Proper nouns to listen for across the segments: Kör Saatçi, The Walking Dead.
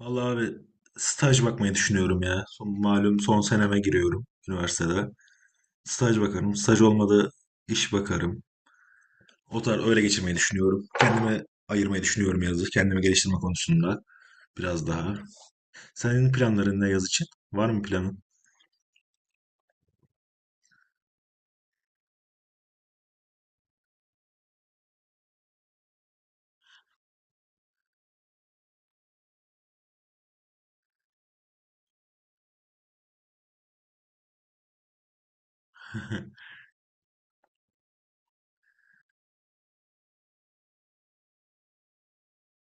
Vallahi abi staj bakmayı düşünüyorum ya. Son, malum son seneme giriyorum üniversitede. Staj bakarım. Staj olmadı iş bakarım. O tarz öyle geçirmeyi düşünüyorum. Kendime ayırmayı düşünüyorum yazı. Kendimi geliştirme konusunda biraz daha. Senin planların ne yaz için? Var mı planın?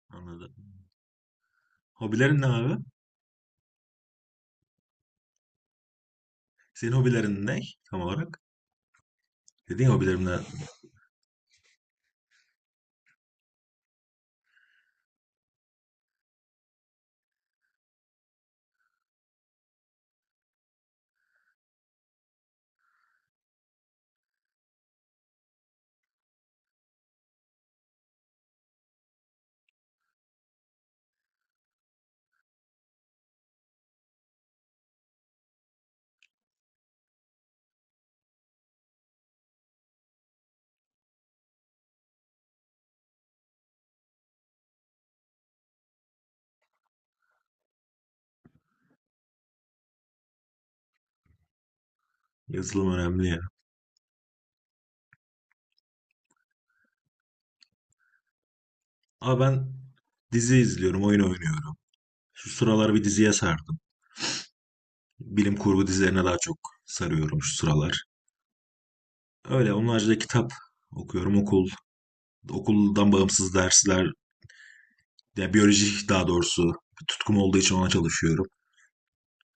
Anladım. Hobilerin ne abi? Senin hobilerin ne tam olarak? Dediğin hobilerimde yazılım önemli ya. Abi ben dizi izliyorum, oyun oynuyorum. Şu sıralar bir diziye sardım. Bilim kurgu dizilerine daha çok sarıyorum şu sıralar. Öyle onun haricinde kitap okuyorum. Okul, okuldan bağımsız dersler, yani biyoloji daha doğrusu bir tutkum olduğu için ona çalışıyorum.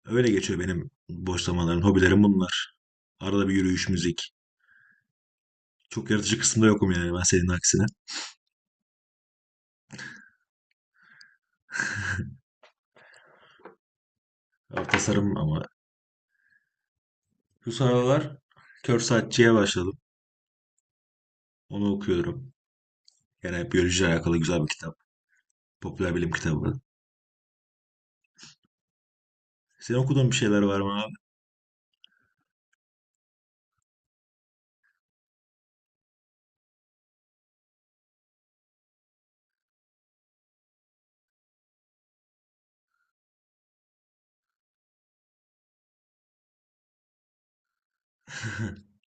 Öyle geçiyor benim boş zamanlarım, hobilerim bunlar. Arada bir yürüyüş, müzik. Çok yaratıcı kısımda yokum yani ben senin aksine. Ya, tasarım ama. Şu sıralar Kör Saatçi'ye başladım. Onu okuyorum. Yani biyolojiyle alakalı güzel bir kitap. Popüler bilim kitabı. Senin okuduğun bir şeyler var mı?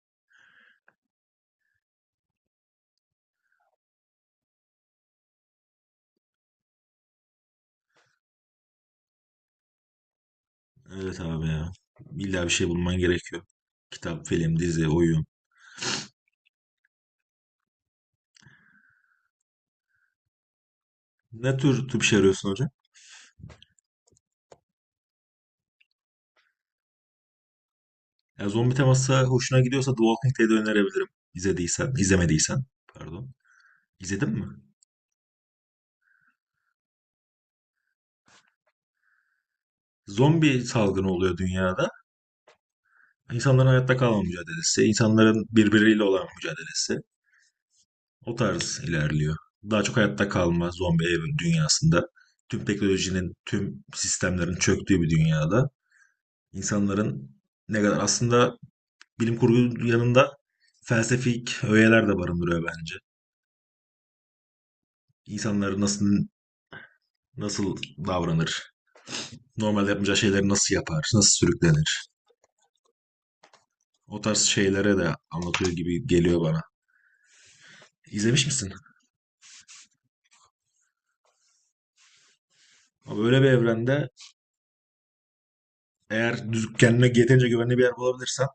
Evet abi ya. İlla bir şey bulman gerekiyor. Kitap, film, dizi, oyun. Ne tür bir şey arıyorsun hocam? Ya zombi teması hoşuna gidiyorsa The Walking Dead'i önerebilirim. İzlediysen, izlemediysen. Pardon. İzledin mi? Zombi salgını oluyor dünyada. İnsanların hayatta kalma mücadelesi, insanların birbiriyle olan mücadelesi. O tarz ilerliyor. Daha çok hayatta kalma, zombi ev dünyasında tüm teknolojinin, tüm sistemlerin çöktüğü bir dünyada insanların ne kadar aslında bilim kurgu yanında felsefik öğeler de barındırıyor bence. İnsanlar nasıl davranır? Normal yapmayacağı şeyleri nasıl yapar? Nasıl sürüklenir? O tarz şeylere de anlatıyor gibi geliyor bana. İzlemiş misin? Ama böyle bir evrende eğer düz, kendine yeterince güvenli bir yer bulabilirsen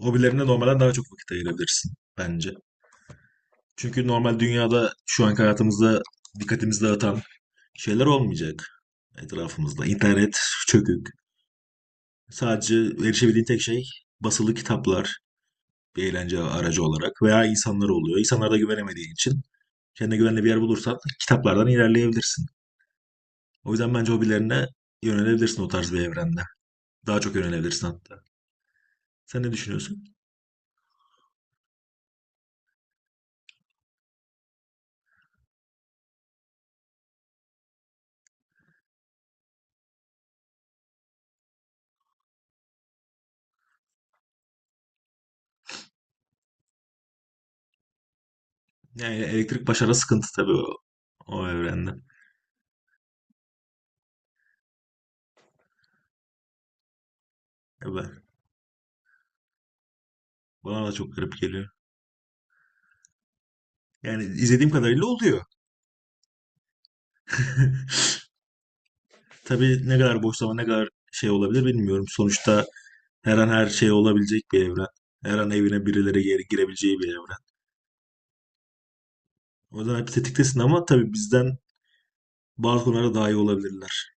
hobilerine normalden daha çok vakit ayırabilirsin bence. Çünkü normal dünyada şu anki hayatımızda dikkatimizi dağıtan şeyler olmayacak etrafımızda. İnternet çökük. Sadece erişebildiğin tek şey basılı kitaplar bir eğlence aracı olarak veya insanlar oluyor. İnsanlara da güvenemediğin için kendine güvenli bir yer bulursan kitaplardan ilerleyebilirsin. O yüzden bence hobilerine yönelebilirsin o tarz bir evrende. Daha çok yönelebilirsin hatta. Sen ne düşünüyorsun? Yani elektrik başarı sıkıntı tabii o evrenden. Ya ben- Bana da çok garip geliyor. Yani izlediğim kadarıyla oluyor. Tabii ne kadar boş zaman ne kadar şey olabilir bilmiyorum. Sonuçta her an her şey olabilecek bir evren. Her an evine birileri geri girebileceği bir evren. O yüzden hep tetiktesin ama tabii bizden bazı konularda daha iyi olabilirler.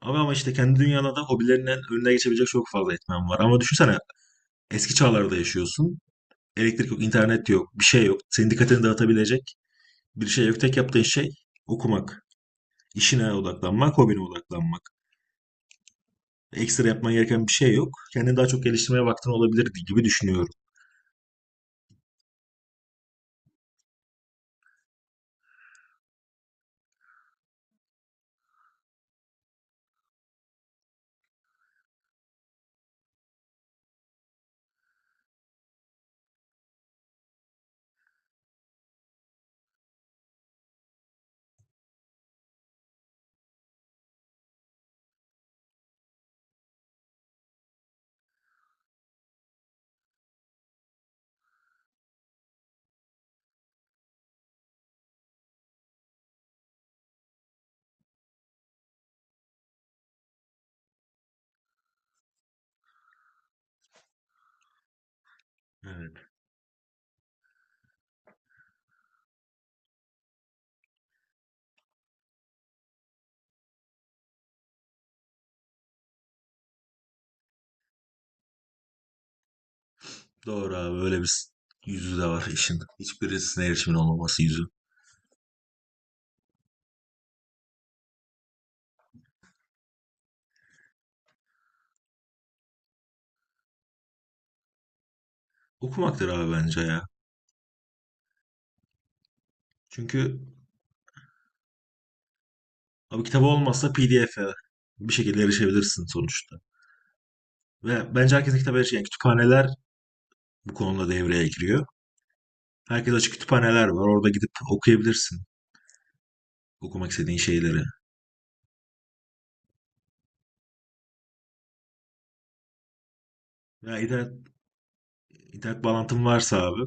Ama işte kendi dünyanda da hobilerinin önüne geçebilecek çok fazla etmen var. Ama düşünsene eski çağlarda yaşıyorsun. Elektrik yok, internet yok, bir şey yok. Senin dikkatini dağıtabilecek bir şey yok. Tek yaptığın şey okumak. İşine odaklanmak, hobine odaklanmak. Ekstra yapman gereken bir şey yok. Kendini daha çok geliştirmeye vaktin olabilirdi gibi düşünüyorum. Evet. Doğru abi öyle bir yüzü de var işin. Hiçbirisine erişimin olmaması yüzü. Okumaktır abi bence ya. Çünkü abi kitabı olmazsa PDF'e bir şekilde erişebilirsin sonuçta. Ve bence herkesin kitaba erişiyor. Yani kütüphaneler bu konuda devreye giriyor. Herkes açık kütüphaneler var. Orada gidip okuyabilirsin okumak istediğin şeyleri. Ya internet, internet bağlantın varsa abi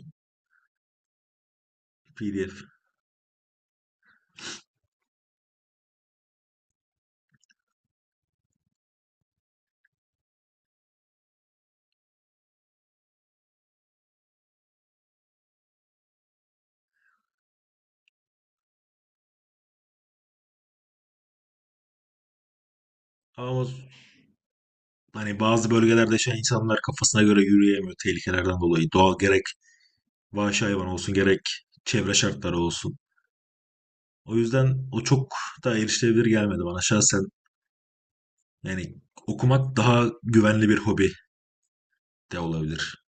PDF. Ama hani bazı bölgelerde yaşayan insanlar kafasına göre yürüyemiyor tehlikelerden dolayı. Doğal gerek vahşi hayvan olsun gerek çevre şartları olsun. O yüzden o çok daha erişilebilir gelmedi bana şahsen. Yani okumak daha güvenli bir hobi de olabilir.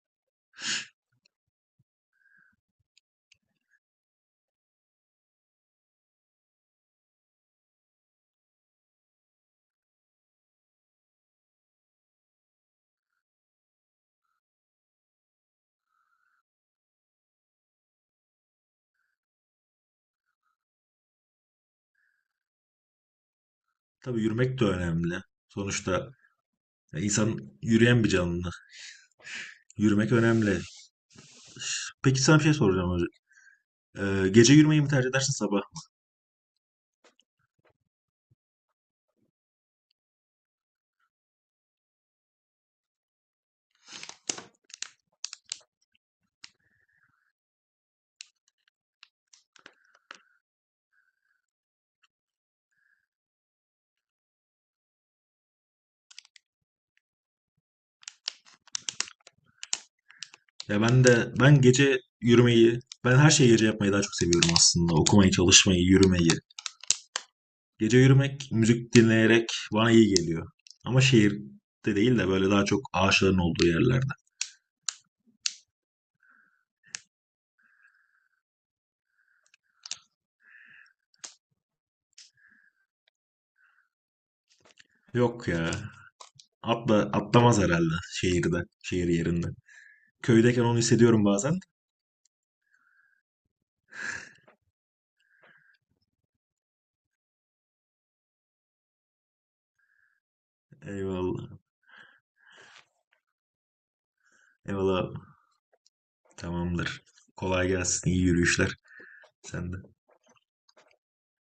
Tabii yürümek de önemli. Sonuçta insan yürüyen bir canlı. Yürümek önemli. Peki sana bir şey soracağım hocam. Gece yürümeyi mi tercih edersin sabah? Ya ben de, ben gece yürümeyi, ben her şeyi gece yapmayı daha çok seviyorum aslında. Okumayı, çalışmayı, yürümeyi. Gece yürümek, müzik dinleyerek bana iyi geliyor. Ama şehirde değil de böyle daha çok ağaçların olduğu yerlerde. Yok ya. Atla, atlamaz herhalde şehirde, şehir yerinde. Köydeyken onu hissediyorum bazen. Eyvallah. Eyvallah. Tamamdır. Kolay gelsin. İyi yürüyüşler. Sen de.